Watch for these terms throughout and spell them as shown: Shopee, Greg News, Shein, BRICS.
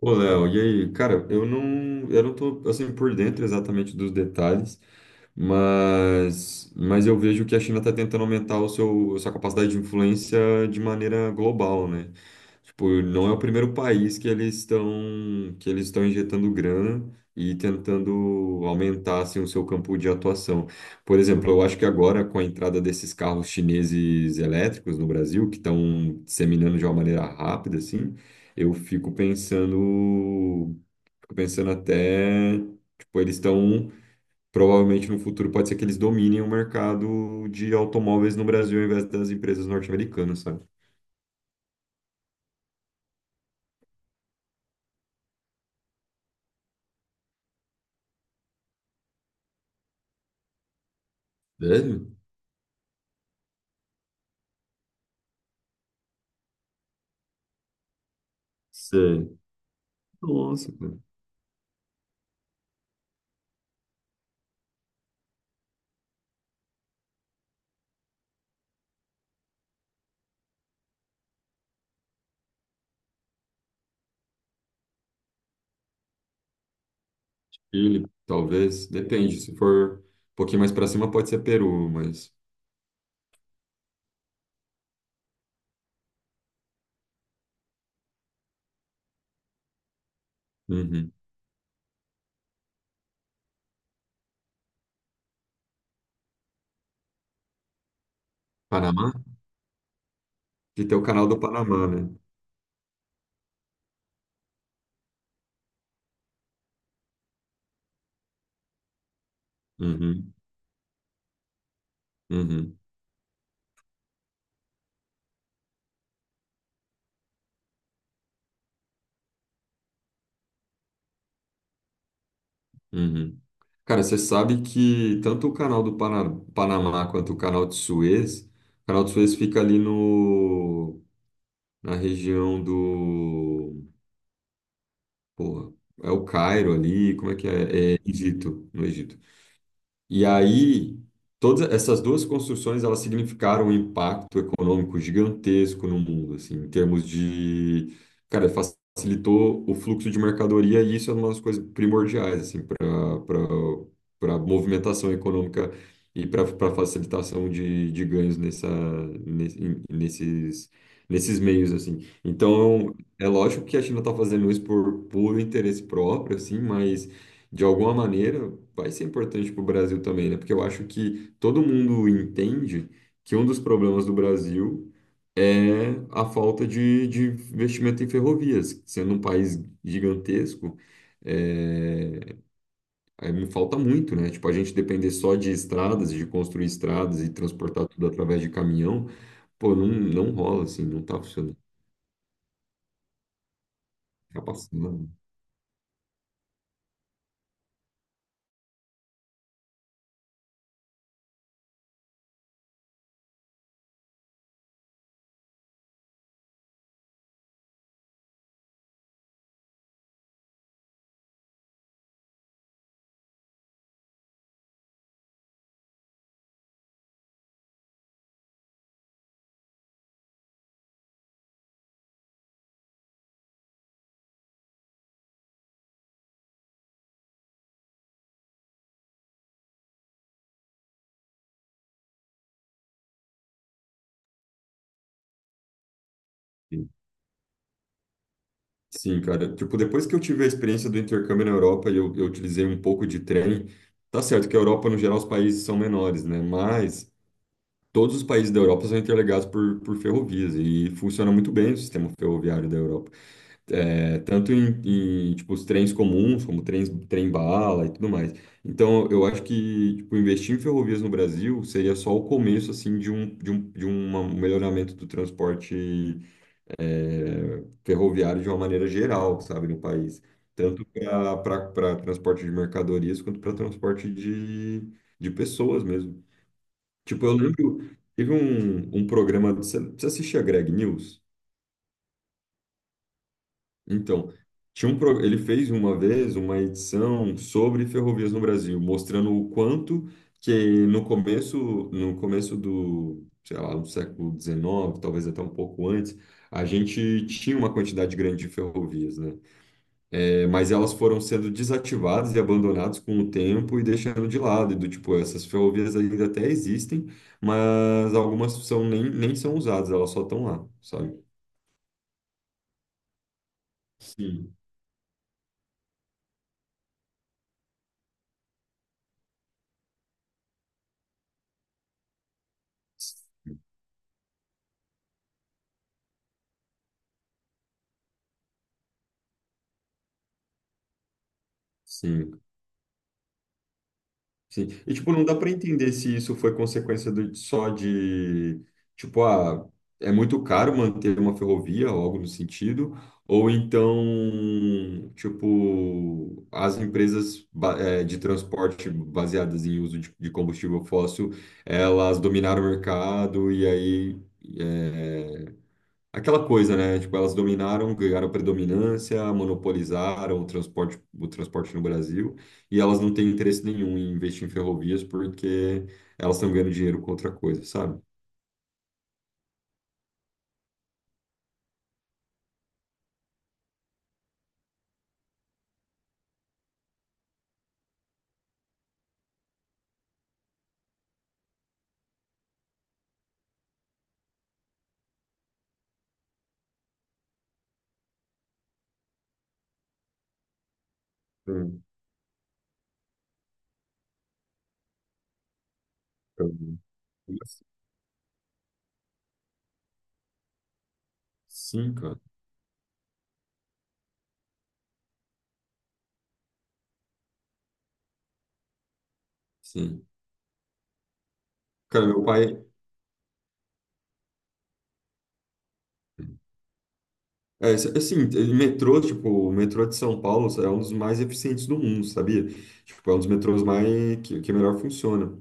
Ô, Léo, e aí? Cara, eu não tô, assim, por dentro exatamente dos detalhes, mas eu vejo que a China está tentando aumentar sua capacidade de influência de maneira global, né? Tipo, não é o primeiro país que eles estão injetando grana e tentando aumentar assim, o seu campo de atuação. Por exemplo, eu acho que agora com a entrada desses carros chineses elétricos no Brasil, que estão disseminando de uma maneira rápida assim, eu fico pensando até, tipo, eles estão provavelmente no futuro. Pode ser que eles dominem o mercado de automóveis no Brasil ao invés das empresas norte-americanas, sabe? Velho? Sei. Nossa, cara. Chile, talvez. Depende. Se for um pouquinho mais pra cima, pode ser Peru, mas. Uhum. Panamá? Que tem o canal do Panamá, né? Uhum, uhum, uhum. Cara, você sabe que tanto o canal do Panamá quanto o canal de Suez, o canal de Suez fica ali no, na região do. Pô, é o Cairo ali, como é que é? É Egito, no Egito. E aí, todas essas duas construções, elas significaram um impacto econômico gigantesco no mundo, assim, em termos de, cara, facilitou o fluxo de mercadoria e isso é uma das coisas primordiais, assim, para movimentação econômica e para facilitação de ganhos nessa nesse- em- nesses nesses meios, assim. Então, é lógico que a China está fazendo isso por puro interesse próprio, assim, mas de alguma maneira, vai ser importante para o Brasil também, né? Porque eu acho que todo mundo entende que um dos problemas do Brasil é a falta de investimento em ferrovias, sendo um país gigantesco. É, é, me falta muito, né? Tipo, a gente depender só de estradas, de construir estradas e transportar tudo através de caminhão, pô, não rola assim, não tá funcionando, tá passando. Né? Sim, cara. Tipo, depois que eu tive a experiência do intercâmbio na Europa e eu utilizei um pouco de trem, tá certo que a Europa, no geral, os países são menores, né? Mas todos os países da Europa são interligados por ferrovias e funciona muito bem o sistema ferroviário da Europa. É, tanto tipo, os trens comuns, como trens, trem-bala e tudo mais. Então, eu acho que, tipo, investir em ferrovias no Brasil seria só o começo, assim, de um melhoramento do transporte ferroviário de uma maneira geral, sabe, no país, tanto para transporte de mercadorias quanto para transporte de pessoas mesmo. Tipo, eu lembro, teve um programa, você assistia Greg News? Então, tinha um, ele fez uma vez uma edição sobre ferrovias no Brasil, mostrando o quanto que no começo, no começo do, sei lá, do século 19, talvez até um pouco antes, a gente tinha uma quantidade grande de ferrovias, né? É, mas elas foram sendo desativadas e abandonadas com o tempo e deixando de lado. E do tipo, essas ferrovias ainda até existem, mas algumas são, nem são usadas, elas só estão lá, sabe? Sim. Sim, sim. E, tipo, não dá para entender se isso foi consequência do, só de, tipo, ah, é muito caro manter uma ferrovia ou algo no sentido, ou então, tipo, as empresas de transporte baseadas em uso de combustível fóssil, elas dominaram o mercado e aí é, aquela coisa, né? Tipo, elas dominaram, ganharam predominância, monopolizaram o transporte no Brasil, e elas não têm interesse nenhum em investir em ferrovias porque elas estão ganhando dinheiro com outra coisa, sabe? Hum, entendi. Sim, cara. Sim. Cara, meu pai. Assim, metrô, tipo, o metrô de São Paulo é um dos mais eficientes do mundo, sabia? Tipo, é um dos metrôs mais que melhor funciona.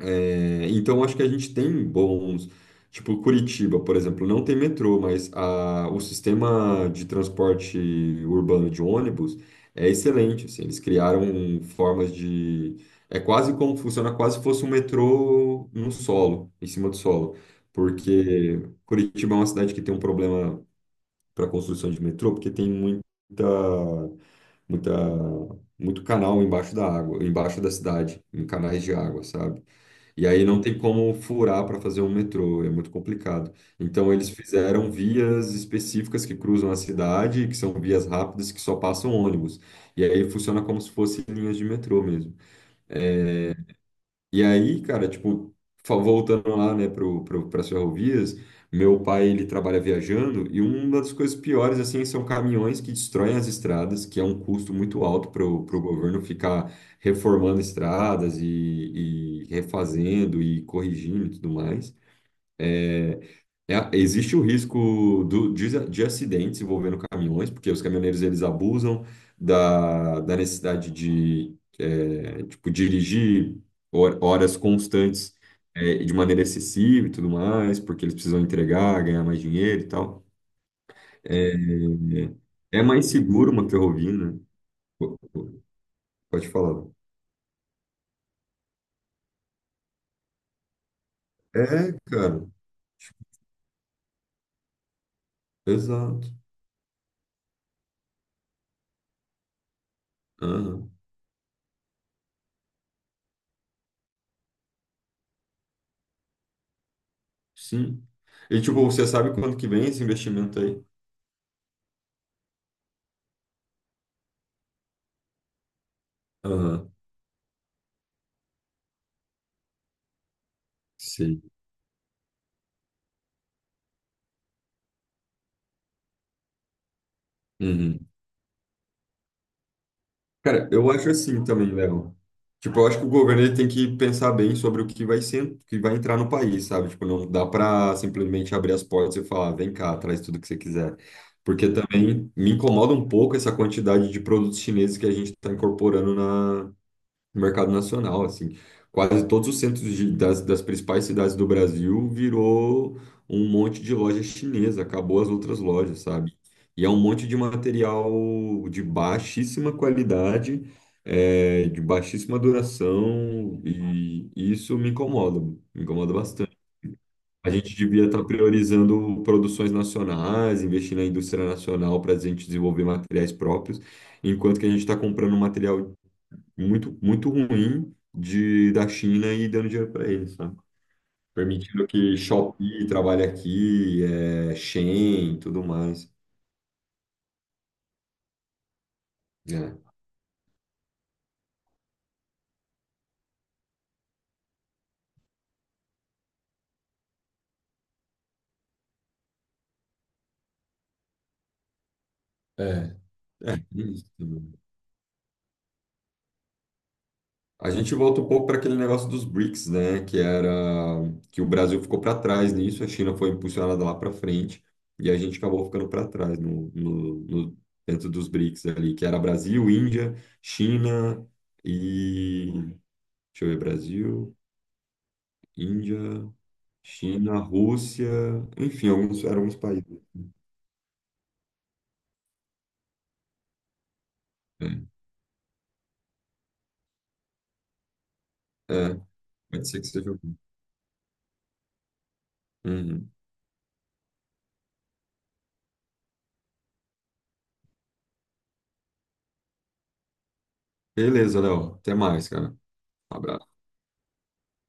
É, então, acho que a gente tem bons. Tipo, Curitiba, por exemplo, não tem metrô, mas o sistema de transporte urbano de ônibus é excelente. Assim, eles criaram formas de. É quase como funciona, quase se fosse um metrô no solo, em cima do solo. Porque Curitiba é uma cidade que tem um problema para construção de metrô, porque tem muita, muito canal embaixo da água, embaixo da cidade, em canais de água, sabe? E aí não tem como furar para fazer um metrô, é muito complicado. Então eles fizeram vias específicas que cruzam a cidade, que são vias rápidas que só passam ônibus. E aí funciona como se fossem linhas de metrô mesmo. E aí, cara, tipo, voltando lá, né, para as ferrovias, meu pai, ele trabalha viajando e uma das coisas piores, assim, são caminhões que destroem as estradas, que é um custo muito alto para o governo ficar reformando estradas e refazendo e corrigindo e tudo mais. É, existe o risco de acidentes envolvendo caminhões, porque os caminhoneiros eles abusam da necessidade de é, tipo, dirigir horas constantes é, de maneira excessiva e tudo mais, porque eles precisam entregar, ganhar mais dinheiro e tal. É, é mais seguro uma ferrovia, né? Po- po- Pode falar. É, cara, exato. Aham, sim. E tipo, você sabe quando que vem esse investimento aí? Aham, sim. Uhum. Cara, eu acho assim também, Léo. Tipo, eu acho que o governo ele tem que pensar bem sobre o que vai ser, o que vai entrar no país, sabe? Tipo, não dá para simplesmente abrir as portas e falar, "Ah, vem cá, traz tudo que você quiser". Porque também me incomoda um pouco essa quantidade de produtos chineses que a gente está incorporando no mercado nacional, assim. Quase todos os centros das principais cidades do Brasil virou um monte de loja chinesa, acabou as outras lojas, sabe? E é um monte de material de baixíssima qualidade, é, de baixíssima duração, e isso me incomoda bastante. A gente devia estar priorizando produções nacionais, investir na indústria nacional para a gente desenvolver materiais próprios, enquanto que a gente está comprando material muito, muito ruim de, da China e dando dinheiro para eles, sabe? Permitindo que Shopee trabalhe aqui, é, Shein e tudo mais. Né? É, isso também. A gente volta um pouco para aquele negócio dos BRICS, né? Que era que o Brasil ficou para trás nisso, a China foi impulsionada lá para frente e a gente acabou ficando para trás dentro dos BRICS ali, que era Brasil, Índia, China e deixa eu ver, Brasil, Índia. China, Rússia, enfim, alguns, eram alguns países. É, é, pode ser que seja algum. Uhum. Beleza, Léo. Até mais, cara. Um abraço.